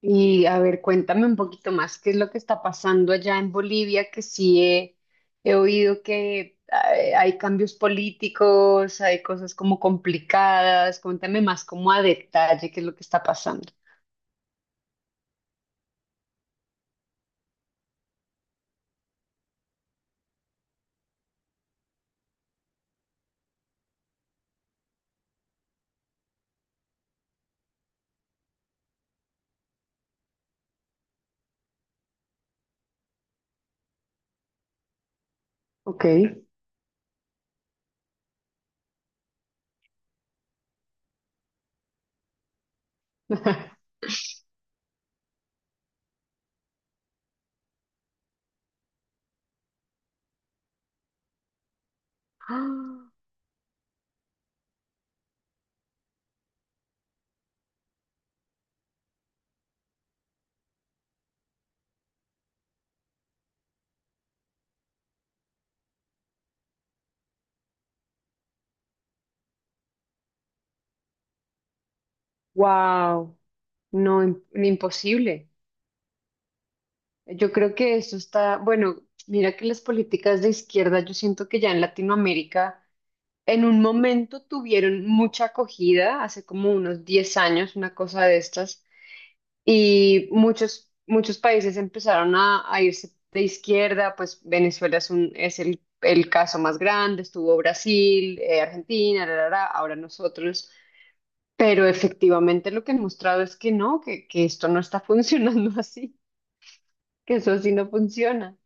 Y a ver, cuéntame un poquito más, ¿qué es lo que está pasando allá en Bolivia? Que sí he oído que hay cambios políticos, hay cosas como complicadas. Cuéntame más como a detalle qué es lo que está pasando. Ok. Wow, no, imposible. Yo creo que eso está, bueno, mira que las políticas de izquierda, yo siento que ya en Latinoamérica en un momento tuvieron mucha acogida, hace como unos 10 años, una cosa de estas, y muchos países empezaron a irse de izquierda, pues Venezuela es el caso más grande, estuvo Brasil, Argentina, ra, ra, ra, ahora nosotros, pero efectivamente lo que han mostrado es que no, que esto no está funcionando así, que eso así no funciona.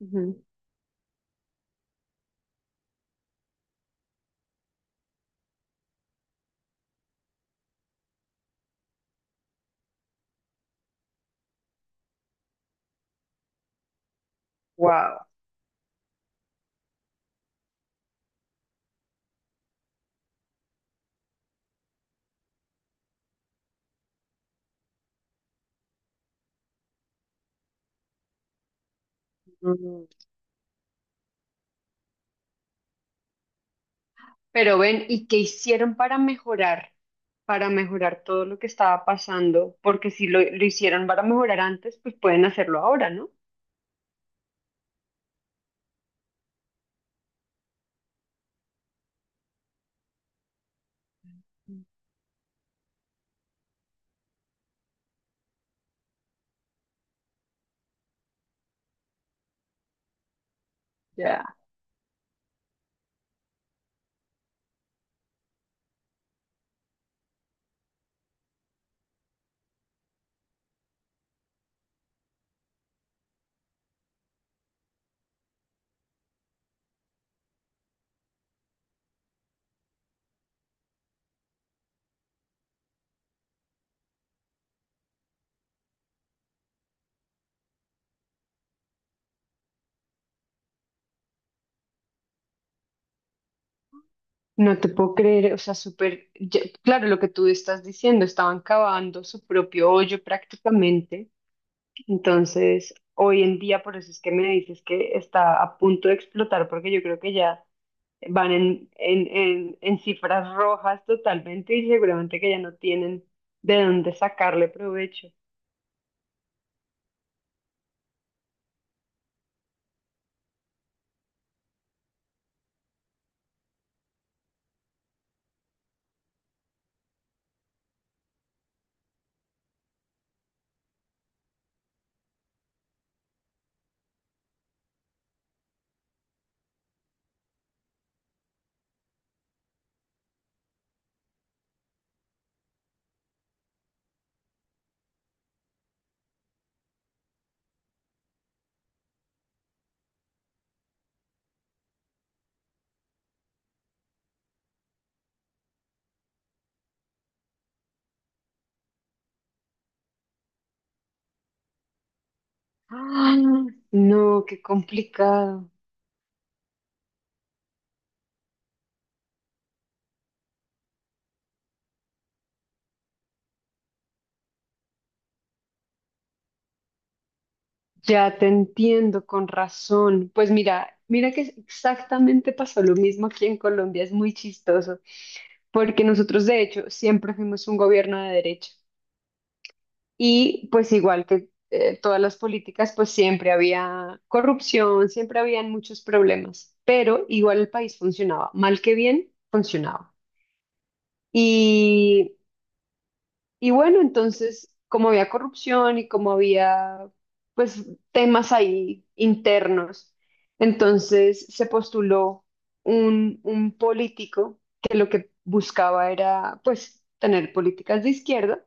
Ujú. Wow. Mm. Pero ven, ¿y qué hicieron para mejorar? Para mejorar todo lo que estaba pasando, porque si lo hicieron para mejorar antes, pues pueden hacerlo ahora, ¿no? Ya. No te puedo creer, o sea, súper, ya- claro, lo que tú estás diciendo, estaban cavando su propio hoyo prácticamente, entonces hoy en día por eso es que me dices que está a punto de explotar, porque yo creo que ya van en cifras rojas totalmente y seguramente que ya no tienen de dónde sacarle provecho. Ah, no, qué complicado. Ya te entiendo, con razón. Pues mira que exactamente pasó lo mismo aquí en Colombia, es muy chistoso, porque nosotros de hecho siempre fuimos un gobierno de derecha. Y pues igual que todas las políticas, pues siempre había corrupción, siempre habían muchos problemas, pero igual el país funcionaba, mal que bien, funcionaba. Y, y bueno, entonces, como había corrupción y como había pues temas ahí internos, entonces se postuló un político que lo que buscaba era pues tener políticas de izquierda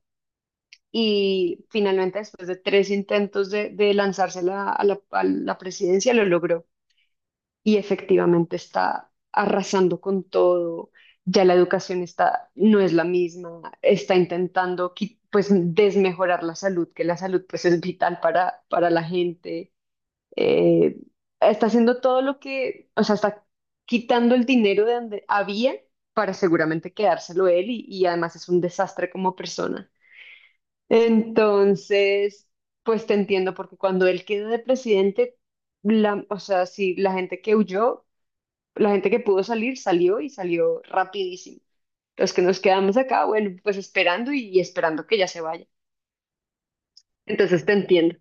y finalmente después de tres intentos de lanzarse a la presidencia lo logró y efectivamente está arrasando con todo, ya la educación está, no es la misma, está intentando pues desmejorar la salud, que la salud pues es vital para la gente. Eh, Está haciendo todo lo que, o sea, está quitando el dinero de donde había para seguramente quedárselo él y además es un desastre como persona. Entonces, pues te entiendo, porque cuando él quedó de presidente, o sea, sí, la gente que huyó, la gente que pudo salir, salió y salió rapidísimo. Los que nos quedamos acá, bueno, pues esperando y esperando que ya se vaya. Entonces te entiendo.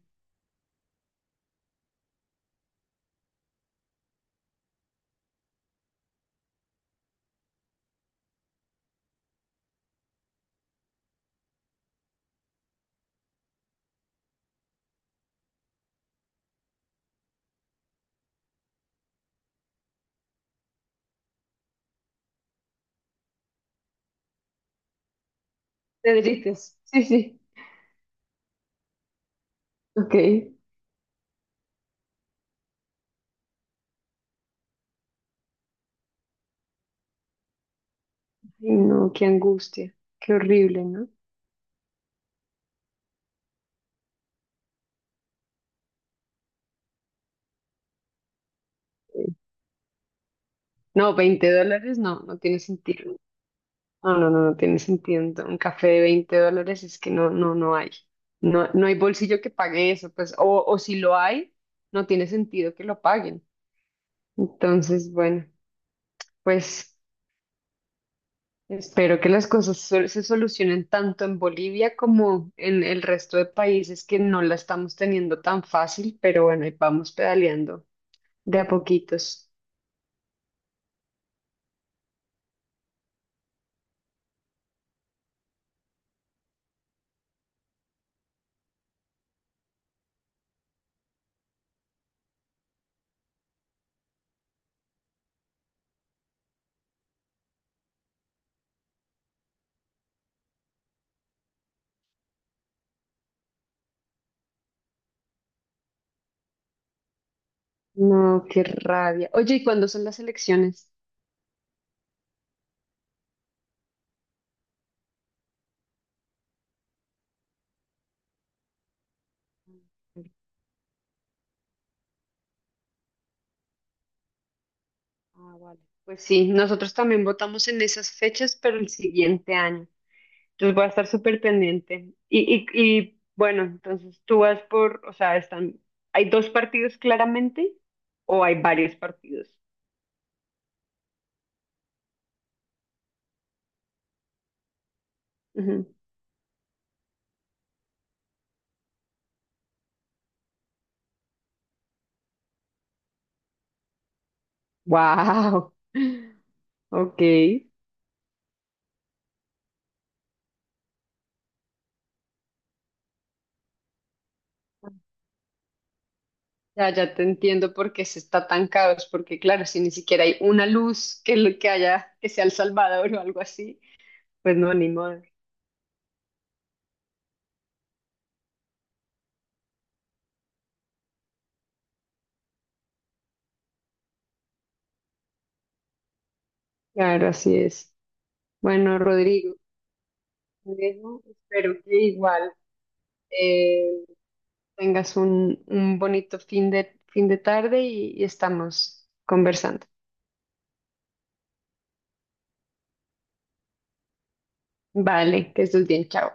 Te derrites. Sí, sí. Ok. Ay, no, qué angustia. Qué horrible, ¿no? Sí. No, $20 no, no tiene sentido. No, no, no, no tiene sentido. Un café de $20 es que no, no, no hay. No, no hay bolsillo que pague eso, pues, o si lo hay, no tiene sentido que lo paguen. Entonces, bueno, pues espero que las cosas se solucionen tanto en Bolivia como en el resto de países que no la estamos teniendo tan fácil, pero bueno, ahí vamos pedaleando de a poquitos. No, qué rabia. Oye, ¿y cuándo son las elecciones? Ah, vale. Pues sí, nosotros también votamos en esas fechas, pero el siguiente año. Entonces voy a estar súper pendiente. Y bueno, entonces tú vas por, o sea, están, ¿hay dos partidos claramente o hay varios partidos? Ujú. Wow. Ok. Ya, ya te entiendo por qué se está tan caos, porque claro, si ni siquiera hay una luz que, que haya, que sea El Salvador o algo así, pues no, ni modo. Claro, así es. Bueno, Rodrigo. Por eso espero que igual eh, tengas un bonito fin de tarde y estamos conversando. Vale, que estés bien, chao.